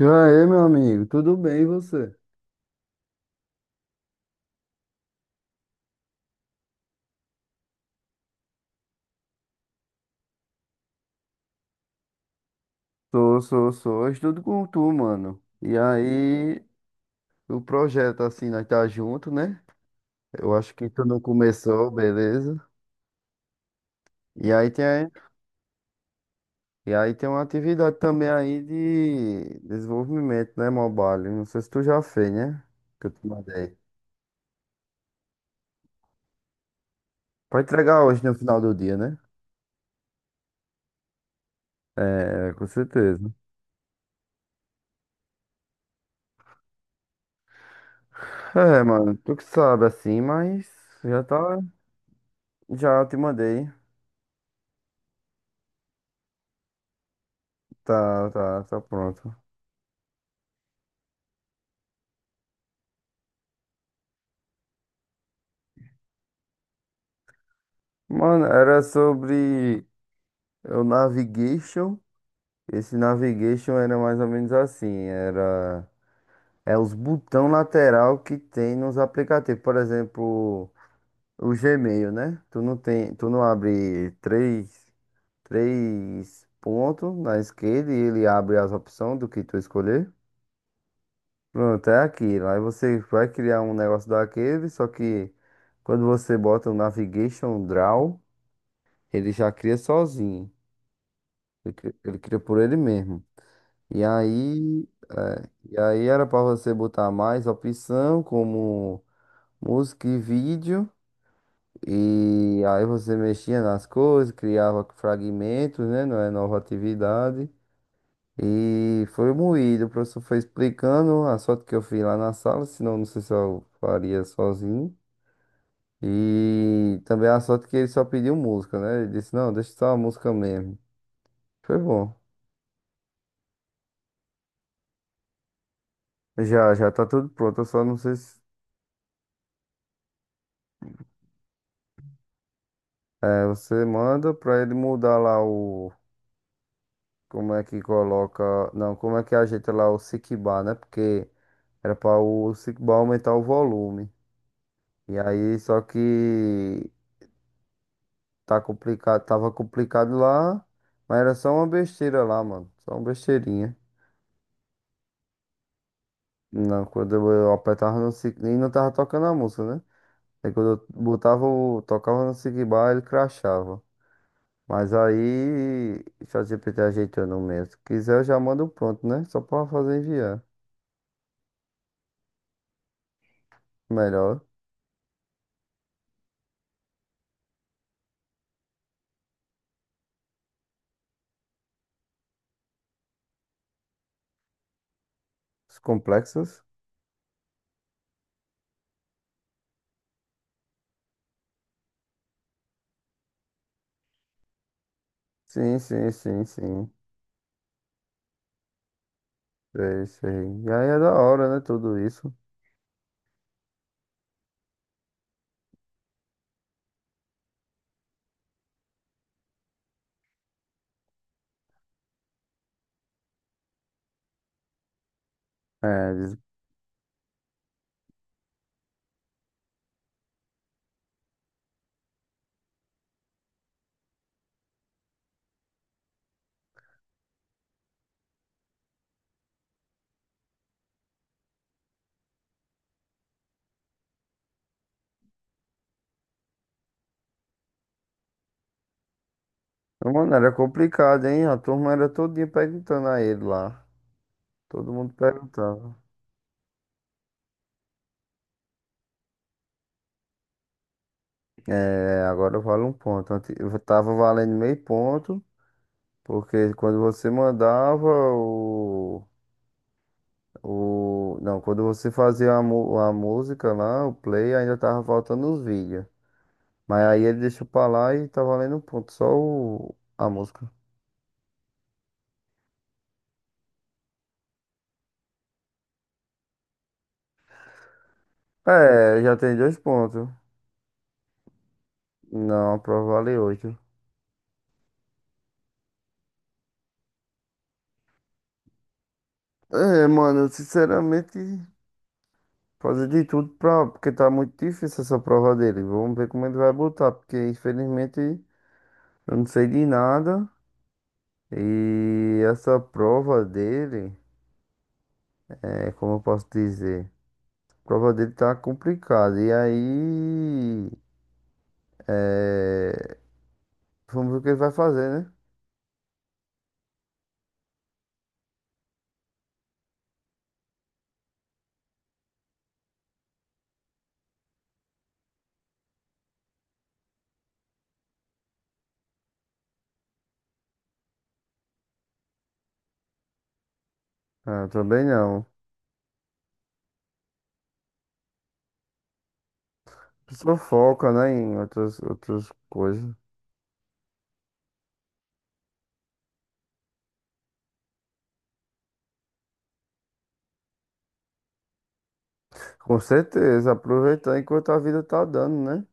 E aí, meu amigo, tudo bem e você? Sou, sou, sou. Eu estudo com tu, mano. E aí, o projeto, assim, nós tá junto, né? Eu acho que tu não começou, beleza? E aí tem, e aí tem uma atividade também aí de desenvolvimento, né, mobile? Não sei se tu já fez, né? Que eu te mandei. Pra entregar hoje, no final do dia, né? É, com certeza. É, mano, tu que sabe, assim, mas já tá, já te mandei. Tá, tá, tá pronto. Mano, era sobre o navigation. Esse navigation era mais ou menos assim, era os botão lateral que tem nos aplicativos, por exemplo, o Gmail, né? Tu não abre três pontos na esquerda e ele abre as opções do que tu escolher. Pronto, é aquilo. Aí você vai criar um negócio daquele, só que quando você bota o navigation draw, ele já cria sozinho. Ele cria por ele mesmo. E aí, e aí era para você botar mais opção, como música e vídeo. E aí você mexia nas coisas, criava fragmentos, né? Não é nova atividade. E foi moído. O professor foi explicando a sorte que eu fiz lá na sala, senão não sei se eu faria sozinho. E também a sorte que ele só pediu música, né? Ele disse, não, deixa só a música mesmo. Foi bom. Já, já tá tudo pronto. Eu só não sei se você manda pra ele mudar lá o. Como é que coloca. Não, como é que ajeita lá o sick bar, né? Porque era pra o sick bar aumentar o volume. E aí, só que. Tá complicado. Tava complicado lá. Mas era só uma besteira lá, mano. Só uma besteirinha. Não, quando eu apertava no sick. E não tava tocando a música, né? Aí quando eu botava o. Tocava no sick bar, ele crashava. Mas aí, o ChatGPT ajeitou no meu. Se quiser, eu já mando pronto, né? Só pra fazer enviar. Melhor. Os complexos? Sim, sim, sim, sim. Sei, sei. E aí é da hora, né? Tudo isso. É, diz- mano, era complicado, hein? A turma era todinha perguntando a ele lá. Todo mundo perguntava. É, agora vale um ponto. Eu tava valendo meio ponto, porque quando você mandava, O... Não, quando você fazia a música lá, o play, ainda tava faltando os vídeos. Mas aí ele deixou pra lá e tá valendo um ponto, só o... a música. É, já tem dois pontos. Não, a prova vale 8. É, mano, eu sinceramente, fazer de tudo pra. Porque tá muito difícil essa prova dele. Vamos ver como ele vai botar, porque infelizmente eu não sei de nada. E essa prova dele, como eu posso dizer? A prova dele tá complicada. E aí. É... Vamos ver o que ele vai fazer, né? Ah, eu também não. A pessoa foca, né, em outras coisas. Com certeza, aproveitar enquanto a vida tá dando, né?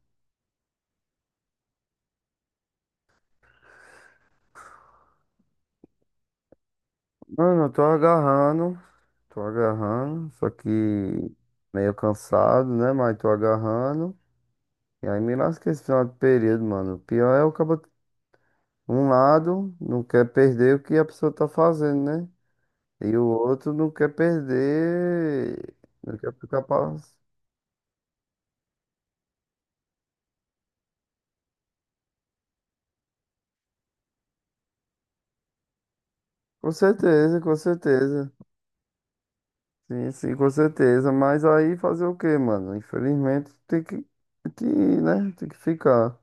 Mano, eu tô agarrando. Tô agarrando. Só que meio cansado, né? Mas tô agarrando. E aí me lasca esse final de período, mano. O pior é o cabo. Um lado não quer perder o que a pessoa tá fazendo, né? E o outro não quer perder. Não quer ficar pass... Com certeza, com certeza. Sim, sim, com certeza. Mas aí fazer o quê, mano? Infelizmente que, né? Tem que ficar.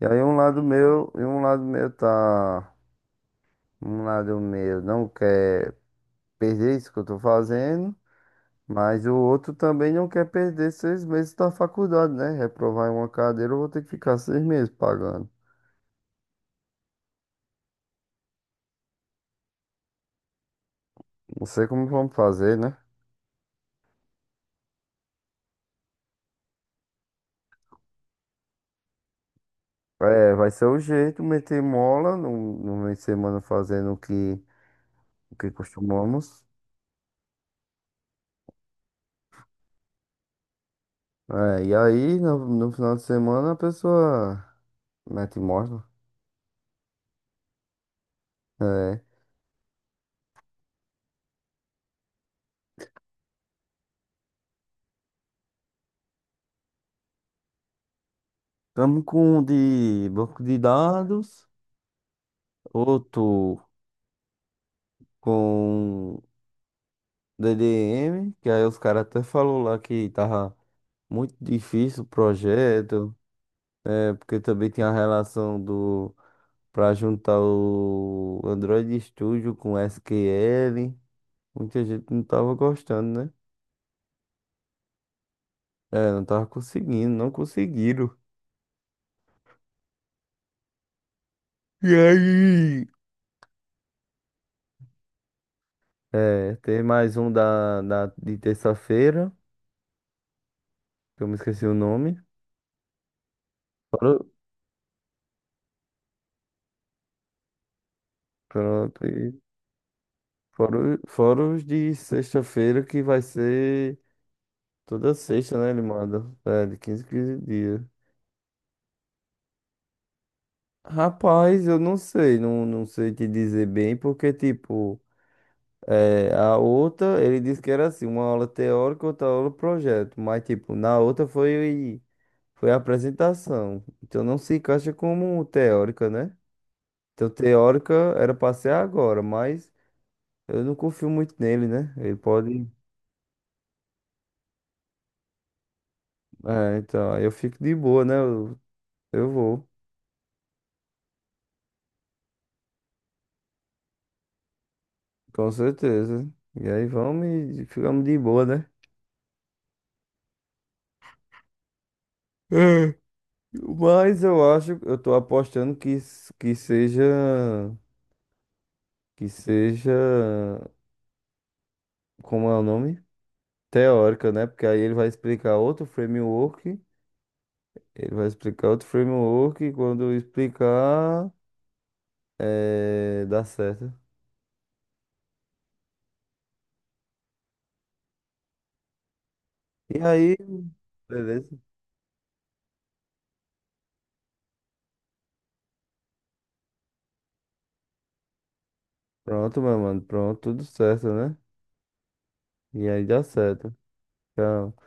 E aí um lado meu, e um lado meu tá. Um lado meu não quer perder isso que eu tô fazendo. Mas o outro também não quer perder 6 meses da faculdade, né? Reprovar em uma cadeira, eu vou ter que ficar 6 meses pagando. Não sei como vamos fazer, né? É, vai ser o jeito, meter mola no, no meio de semana fazendo o que costumamos. É, e aí, no, no final de semana, a pessoa mete mola. É. Estamos com um de banco de dados, outro com DDM, que aí os caras até falou lá que tava muito difícil o projeto, é porque também tem a relação do para juntar o Android Studio com SQL. Muita gente não tava gostando, né? É, não tava conseguindo, não conseguiram. E aí? É, tem mais um de terça-feira, que eu me esqueci o nome. Fora, pronto, e fora, fora os de sexta-feira, que vai ser toda sexta, né? Ele manda. É, de 15 15 dias. Rapaz, eu não sei, não, não sei te dizer bem, porque, tipo, a outra, ele disse que era assim, uma aula teórica, outra aula projeto. Mas, tipo, na outra foi. Foi a apresentação. Então não se encaixa como teórica, né? Então teórica era pra ser agora, mas eu não confio muito nele, né? Ele pode. É, então, aí eu fico de boa, né? Eu vou, com certeza. E aí vamos e ficamos de boa, né? É. Mas eu acho, eu tô apostando que, que seja. Que seja. Como é o nome? Teórica, né? Porque aí ele vai explicar outro framework. Ele vai explicar outro framework e quando eu explicar, dá certo. E aí, beleza? Pronto, meu mano. Pronto, tudo certo, né? E aí dá certo. Tchau.